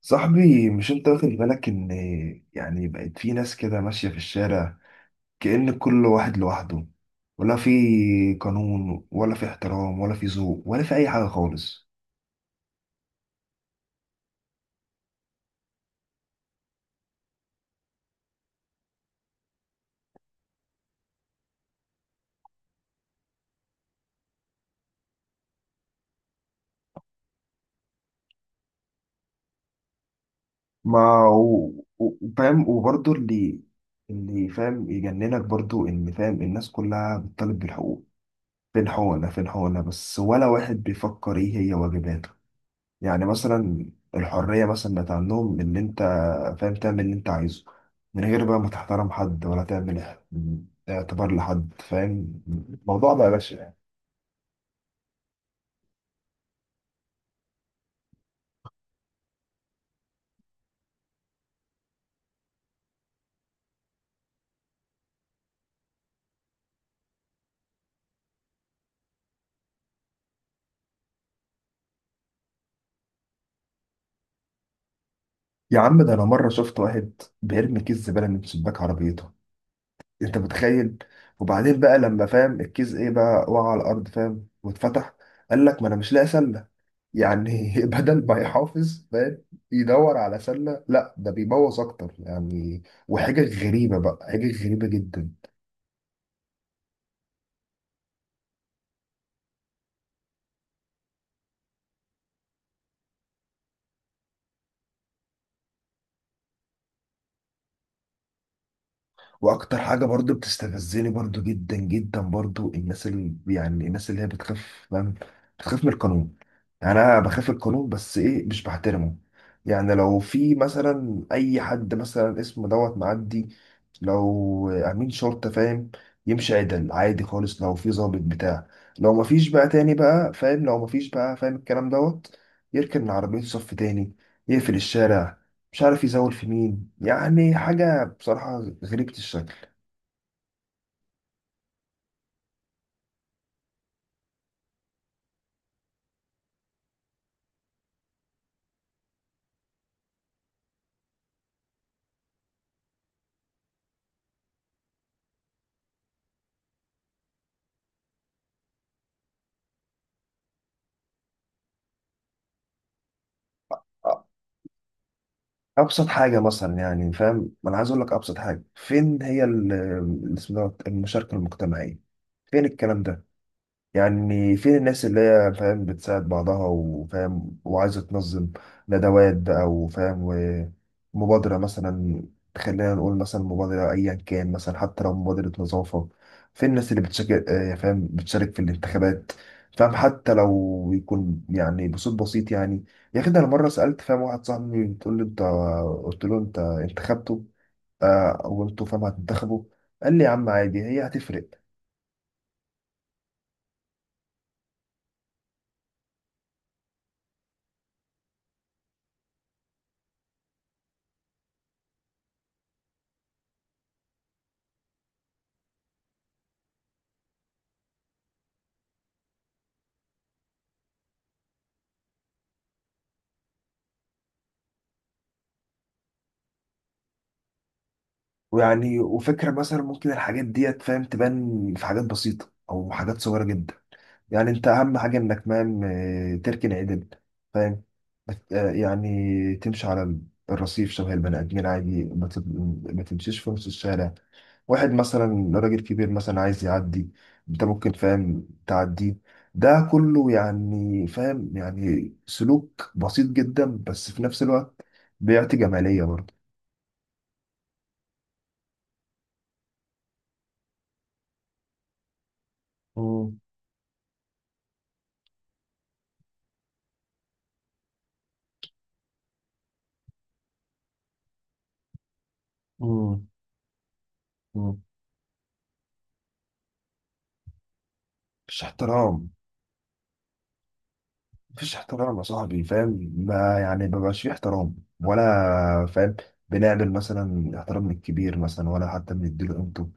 صاحبي، مش انت واخد بالك ان يعني بقت في ناس كده ماشية في الشارع، كأن كل واحد لوحده، ولا في قانون ولا في احترام ولا في ذوق ولا في اي حاجة خالص. ما فاهم، وبرضه اللي فاهم يجننك، برضه ان فاهم الناس كلها بتطالب بالحقوق. فين حقوقنا، فين حقوقنا بس؟ ولا واحد بيفكر ايه هي واجباته. يعني مثلا الحرية مثلا بقت عندهم إن أنت فاهم تعمل اللي أنت عايزه، من غير بقى ما تحترم حد ولا تعمل اعتبار لحد، فاهم؟ الموضوع بقى بشع يعني. يا عم ده أنا مرة شفت واحد بيرمي كيس زبالة من شباك عربيته، أنت متخيل؟ وبعدين بقى لما فاهم الكيس إيه بقى وقع على الأرض فاهم واتفتح، قال لك ما أنا مش لاقي سلة. يعني بدل ما يحافظ فاهم يدور على سلة، لا ده بيبوظ أكتر يعني. وحاجة غريبة بقى، حاجة غريبة جدا. واكتر حاجه برضو بتستفزني برضو جدا جدا، برضو الناس اللي يعني الناس اللي هي بتخاف. فاهم؟ بتخاف من القانون. يعني انا بخاف من القانون بس ايه، مش بحترمه. يعني لو في مثلا اي حد مثلا اسمه دوت معدي، لو امين شرطه فاهم، يمشي عدل عادي خالص. لو في ضابط بتاع، لو مفيش بقى تاني بقى فاهم، لو مفيش بقى فاهم الكلام دوت، يركن من عربيته صف تاني، يقفل الشارع، مش عارف يزول في مين. يعني حاجة بصراحة غريبة الشكل. ابسط حاجه مثلا يعني فاهم، ما انا عايز اقول لك، ابسط حاجه فين هي اسمه دوت المشاركه المجتمعيه؟ فين الكلام ده؟ يعني فين الناس اللي هي فاهم بتساعد بعضها وفاهم وعايزة تنظم ندوات بقى وفاهم ومبادرة مثلا؟ خلينا نقول مثلا مبادرة أيا كان، مثلا حتى لو مبادرة نظافة. فين الناس اللي بتشارك، آه، فاهم بتشارك في الانتخابات، فاهم، حتى لو يكون يعني بصوت بسيط يعني. يا أخي ده أنا مرة سألت فاهم واحد صاحبي، بتقول لي أنت، قلت له أنت انتخبته آه، وأنتوا فاهم هتنتخبوا، قال لي يا عم عادي هي هتفرق؟ ويعني وفكرة مثلا ممكن الحاجات ديت فاهم تبان في حاجات بسيطة أو حاجات صغيرة جدا. يعني أنت أهم حاجة إنك فاهم، آه، تركن عدل فاهم. آه، يعني تمشي على الرصيف شبه البني آدمين عادي، ما تمشيش في نص الشارع. واحد مثلا راجل كبير مثلا عايز يعدي، أنت ممكن فاهم تعديه. ده كله يعني فاهم يعني سلوك بسيط جدا، بس في نفس الوقت بيعطي جمالية برضه. مم. مم. مفيش احترام. مفيش احترام يا صاحبي فاهم، ما يعني ما بقاش فيه احترام ولا فاهم. بنعمل مثلا احترام من الكبير مثلا، ولا حتى بنديله قيمته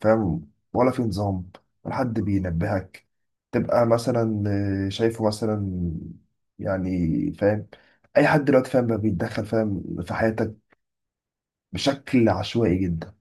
فاهم، ولا في نظام، ولا حد بينبهك. تبقى مثلا آه، شايفه مثلا يعني فاهم، اي حد دلوقتي فاهم بقى بيتدخل فاهم في حياتك بشكل عشوائي جدا.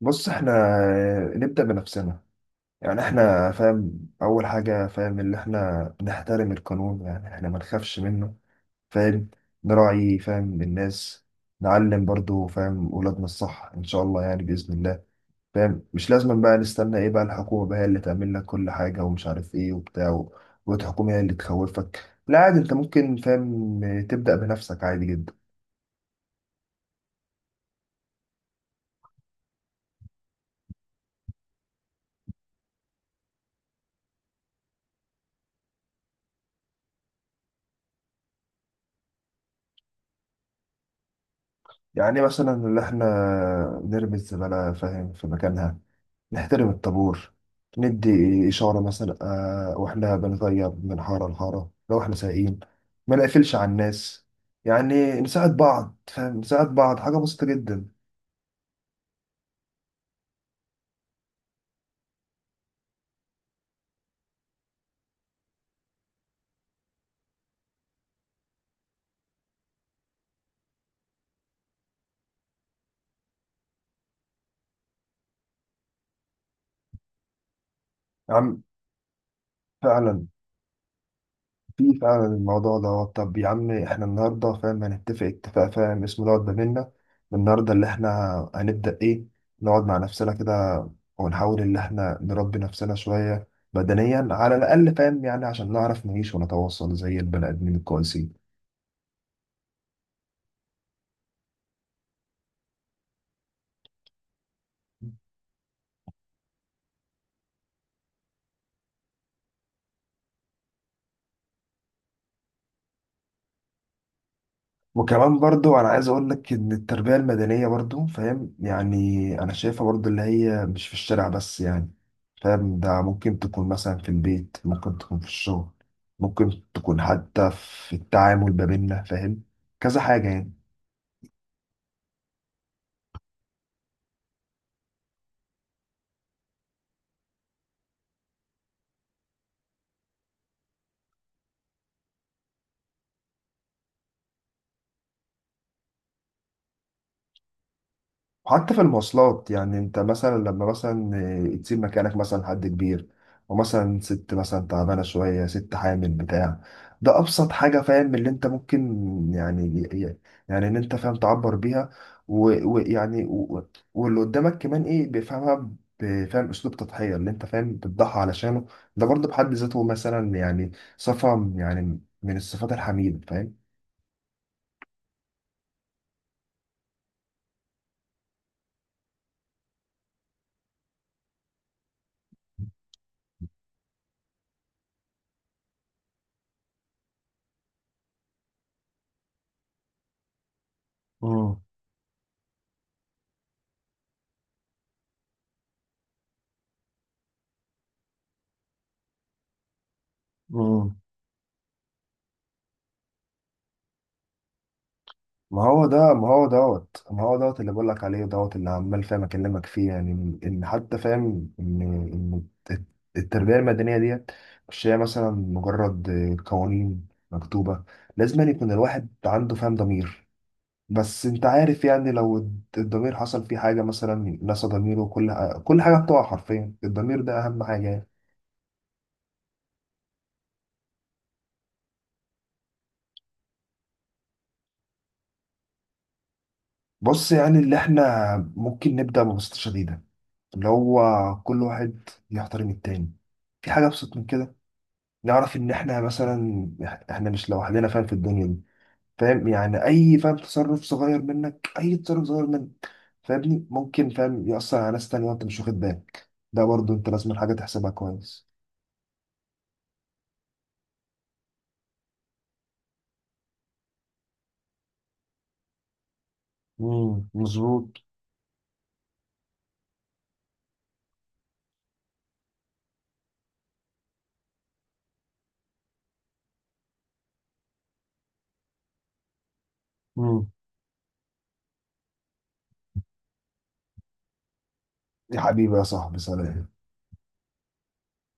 بص احنا آه، نبدأ بنفسنا. يعني احنا فاهم اول حاجة فاهم اللي احنا نحترم القانون، يعني احنا ما نخافش منه فاهم. نراعي فاهم الناس. نعلم برضو فاهم ولادنا الصح ان شاء الله يعني بإذن الله. فاهم، مش لازم بقى نستنى ايه بقى الحكومة بقى هي اللي تعمل لك كل حاجة ومش عارف ايه وبتاع والحكومة هي اللي تخوفك. لا عادي، انت ممكن فاهم تبدأ بنفسك عادي جدا. يعني مثلا اللي احنا نرمي الزبالة فاهم في مكانها، نحترم الطابور، ندي إشارة مثلا آه وإحنا بنغير من حارة لحارة لو إحنا سايقين، ما نقفلش على الناس. يعني نساعد بعض فاهم نساعد بعض، حاجة بسيطة جدا. يا عم فعلا، في فعلا الموضوع ده. طب يا عم إحنا النهاردة فاهم هنتفق اتفاق فاهم اسمه دوت ما بينا، النهاردة اللي إحنا هنبدأ إيه؟ نقعد مع نفسنا كده ونحاول إن إحنا نربي نفسنا شوية بدنيا على الأقل فاهم، يعني عشان نعرف نعيش ونتواصل زي البني آدمين الكويسين. وكمان برضو انا عايز اقول لك ان التربية المدنية برضو فاهم يعني، انا شايفها برضو اللي هي مش في الشارع بس يعني فاهم. ده ممكن تكون مثلا في البيت، ممكن تكون في الشغل، ممكن تكون حتى في التعامل ما بيننا فاهم. كذا حاجة يعني. حتى في المواصلات يعني انت مثلا لما مثلا آه، تسيب مكانك مثلا حد كبير، ومثلا ست مثلا تعبانة شوية، ست حامل بتاع. ده أبسط حاجة فاهم اللي انت ممكن يعني، يعني ان انت فاهم تعبر بيها ويعني واللي قدامك كمان ايه بيفهمها، بفهم اسلوب تضحية اللي انت فاهم بتضحي علشانه. ده برضه بحد ذاته مثلا يعني صفة، يعني من الصفات الحميدة فاهم. مم. ما هو ده، ما هو دوت، ما هو دوت اللي بقول لك عليه دوت اللي عمال فاهم اكلمك فيه يعني، ان حتى فاهم ان الت- التربيه المدنيه ديت مش هي مثلا مجرد قوانين مكتوبه. لازم أن يكون الواحد عنده فاهم ضمير. بس انت عارف يعني، لو الضمير حصل فيه حاجه مثلا، نسى ضميره، كل حاجه بتقع حرفيا. الضمير ده اهم حاجه يعني. بص، يعني اللي احنا ممكن نبدا ببساطه شديده، اللي هو كل واحد يحترم التاني. في حاجه ابسط من كده؟ نعرف ان احنا مثلا، احنا مش لوحدنا فاهم في الدنيا دي. فاهم يعني اي فاهم تصرف صغير منك، اي تصرف صغير منك فاهمني ممكن فاهم يأثر على ناس تانية وانت مش واخد بالك، ده برضو انت لازم حاجة تحسبها كويس. مظبوط. امم. يا حبيبي يا صاحبي سلام.